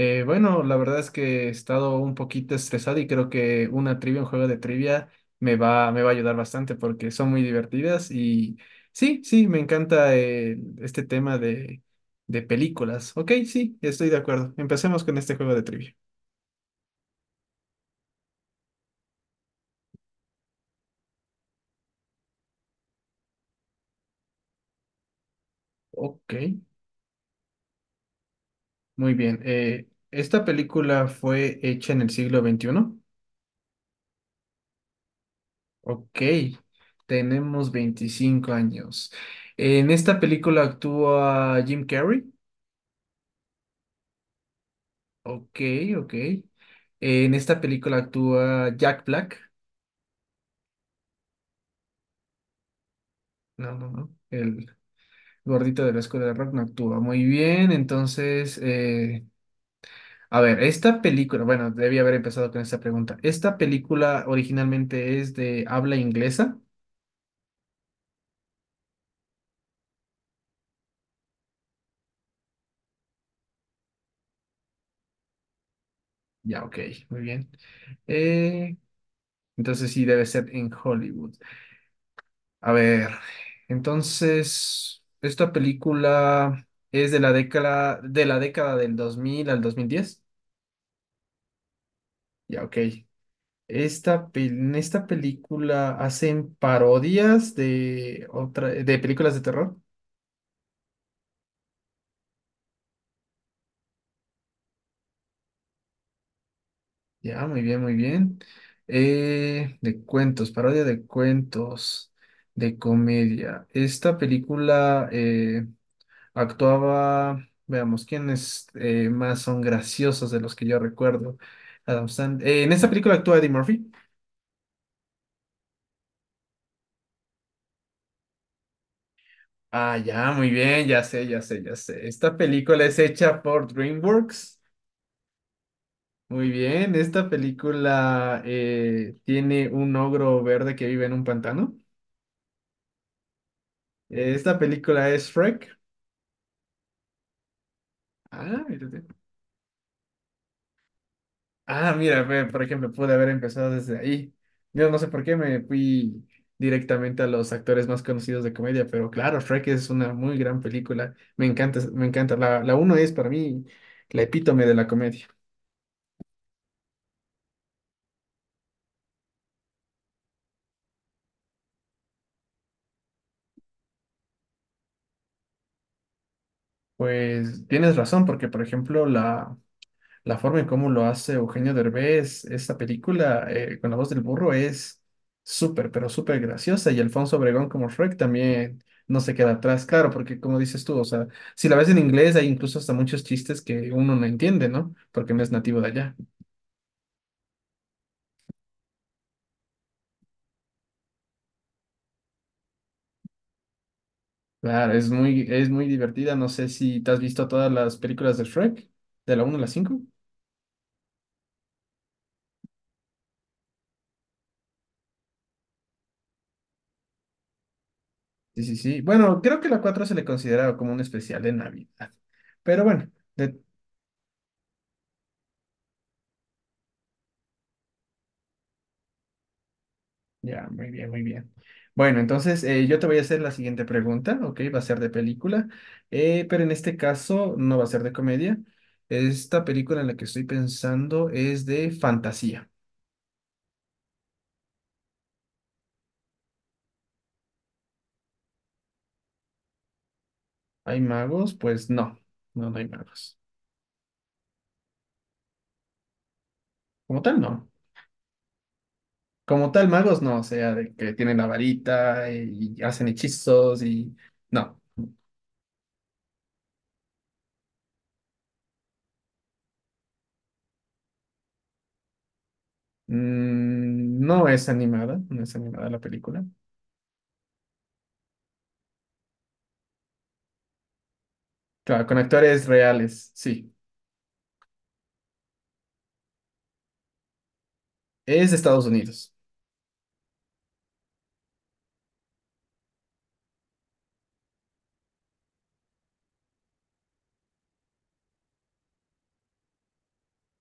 Bueno, la verdad es que he estado un poquito estresado y creo que una trivia, un juego de trivia me va a ayudar bastante porque son muy divertidas y sí, sí, me encanta este tema de películas. Ok, sí, estoy de acuerdo. Empecemos con este juego de trivia. Ok, muy bien. ¿esta película fue hecha en el siglo XXI? Ok, tenemos 25 años. ¿En esta película actúa Jim Carrey? Ok, ok. En esta película actúa Jack Black. No, no, no. El gordito de la escuela de rock no actúa muy bien. Entonces, a ver, esta película, bueno, debía haber empezado con esta pregunta. ¿Esta película originalmente es de habla inglesa? Ya, ok, muy bien. Eh, entonces sí, debe ser en Hollywood. A ver, entonces, ¿esta película es de la década del 2000 al 2010? Ya, ok. Esta, en esta película hacen parodias de películas de terror. Ya, muy bien, muy bien. De cuentos, parodia de cuentos, de comedia. Esta película actuaba, veamos, ¿quiénes más son graciosos de los que yo recuerdo? En esta película actúa Eddie Murphy. Ah, ya, muy bien, ya sé, ya sé, ya sé. Esta película es hecha por DreamWorks. Muy bien, esta película tiene un ogro verde que vive en un pantano. Esta película es Shrek. Ah, mira, ah, mira, ve, por ejemplo, pude haber empezado desde ahí. Yo no sé por qué me fui directamente a los actores más conocidos de comedia, pero claro, Shrek es una muy gran película. Me encanta, me encanta. La uno es para mí la epítome de la comedia. Pues tienes razón, porque por ejemplo, la forma en cómo lo hace Eugenio Derbez, esta película con la voz del burro es súper, pero súper graciosa. Y Alfonso Obregón como Shrek también no se queda atrás, claro, porque como dices tú, o sea, si la ves en inglés hay incluso hasta muchos chistes que uno no entiende, ¿no? Porque no es nativo de allá. Claro, es muy divertida. No sé si te has visto todas las películas de Shrek, de la uno a la cinco. Sí, sí, sí. Bueno, creo que la 4 se le consideraba como un especial de Navidad. Pero bueno, de- ya, muy bien, muy bien. Bueno, entonces yo te voy a hacer la siguiente pregunta, ¿ok? Va a ser de película, pero en este caso no va a ser de comedia. Esta película en la que estoy pensando es de fantasía. ¿Hay magos? Pues no, no, no hay magos. Como tal, no. Como tal, magos no, o sea, de que tienen la varita y hacen hechizos y... No. Mm, no es animada, no es animada la película. Claro, con actores reales, sí. Es de Estados Unidos.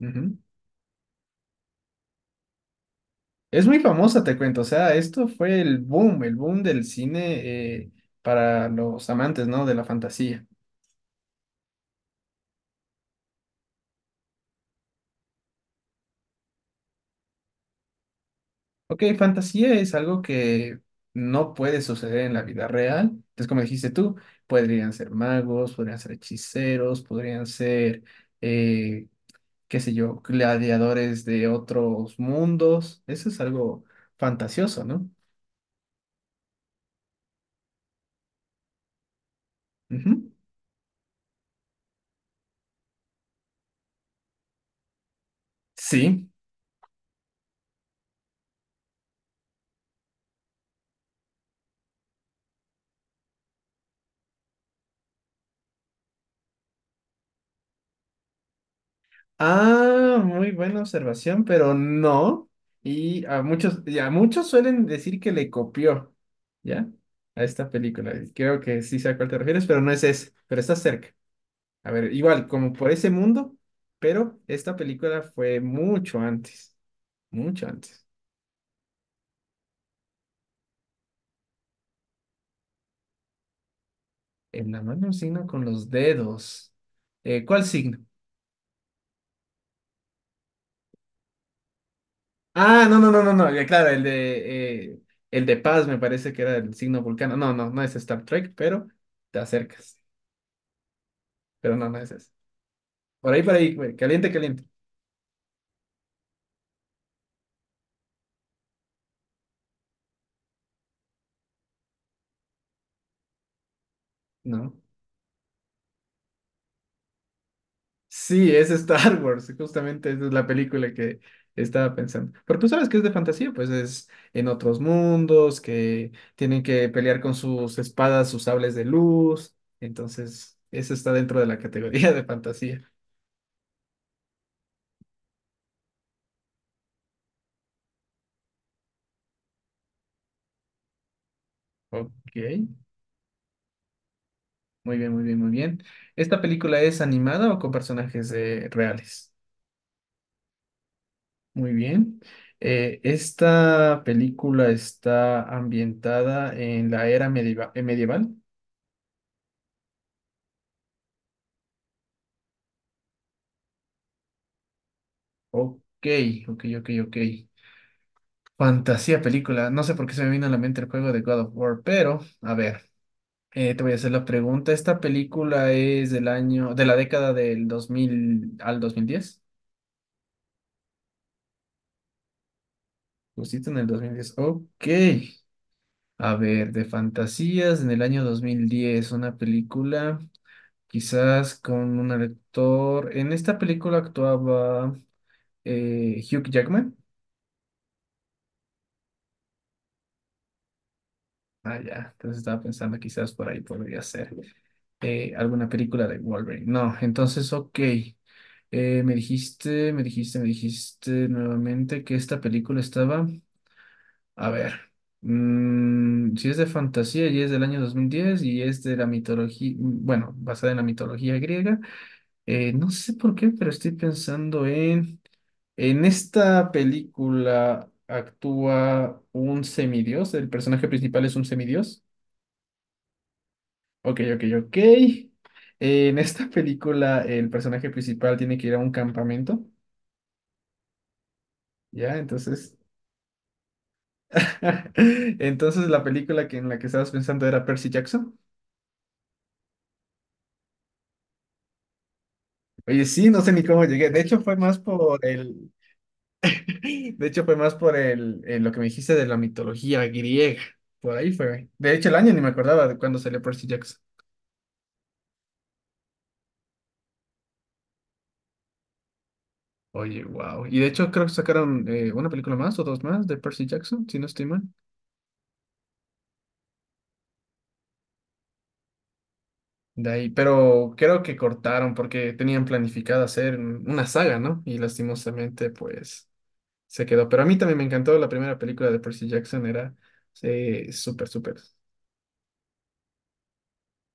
Ujú. Es muy famosa, te cuento. O sea, esto fue el boom del cine para los amantes, ¿no? De la fantasía. Ok, fantasía es algo que no puede suceder en la vida real. Entonces, como dijiste tú, podrían ser magos, podrían ser hechiceros, podrían ser, eh, qué sé yo, gladiadores de otros mundos. Eso es algo fantasioso, ¿no? Ujú. Sí. Ah, muy buena observación, pero no. Y a muchos suelen decir que le copió, ¿ya? A esta película. Y creo que sí sé a cuál te refieres, pero no es ese, pero está cerca. A ver, igual, como por ese mundo, pero esta película fue mucho antes, mucho antes. En la mano un signo con los dedos. ¿cuál signo? Ah, no, no, no, no, no, ya, claro, el de paz me parece que era el signo vulcano. No, no, no es Star Trek, pero te acercas. Pero no, no es eso. Por ahí, güey, caliente, caliente. No. Sí, es Star Wars, justamente esa es la película que estaba pensando. Pero tú sabes que es de fantasía, pues es en otros mundos, que tienen que pelear con sus espadas, sus sables de luz. Entonces, eso está dentro de la categoría de fantasía. Ok, muy bien, muy bien, muy bien. ¿Esta película es animada o con personajes reales? Muy bien. Esta película está ambientada en la era medieval. Ok, ok, ok, ok. Fantasía película. No sé por qué se me vino a la mente el juego de God of War, pero a ver, te voy a hacer la pregunta. ¿Esta película es del año, de la década del 2000 al dos mil diez? Justito en el 2010. Ok. A ver, de fantasías en el año 2010 una película. Quizás con un actor. En esta película actuaba Hugh Jackman. Ah, ya. Entonces estaba pensando, quizás por ahí podría ser alguna película de Wolverine. No, entonces, ok. Me dijiste nuevamente que esta película estaba. A ver. Si es de fantasía y es del año 2010 y es de la mitología, bueno, basada en la mitología griega. No sé por qué, pero estoy pensando en. En esta película actúa un semidios. El personaje principal es un semidios. Ok, ok, ok. En esta película el personaje principal tiene que ir a un campamento. Ya, entonces. Entonces la película que en la que estabas pensando era Percy Jackson. Oye, sí, no sé ni cómo llegué. De hecho fue más por el, de hecho fue más por el, lo que me dijiste de la mitología griega. Por ahí fue. De hecho el año ni me acordaba de cuándo salió Percy Jackson. Oye, wow. Y de hecho creo que sacaron una película más o dos más de Percy Jackson, si no estoy mal. De ahí, pero creo que cortaron porque tenían planificado hacer una saga, ¿no? Y lastimosamente, pues, se quedó. Pero a mí también me encantó la primera película de Percy Jackson, era súper, súper.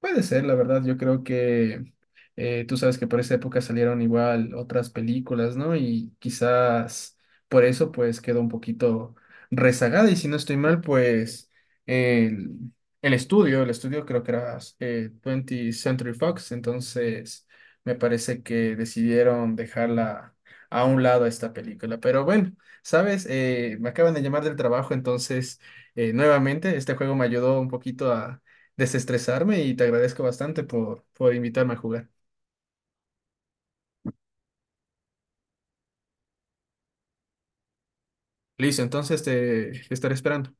Puede ser, la verdad, yo creo que tú sabes que por esa época salieron igual otras películas, ¿no? Y quizás por eso pues quedó un poquito rezagada y si no estoy mal, pues el, el estudio creo que era 20 Century Fox, entonces me parece que decidieron dejarla a un lado esta película. Pero bueno, sabes, me acaban de llamar del trabajo, entonces nuevamente este juego me ayudó un poquito a desestresarme y te agradezco bastante por invitarme a jugar. Listo, entonces te estaré esperando.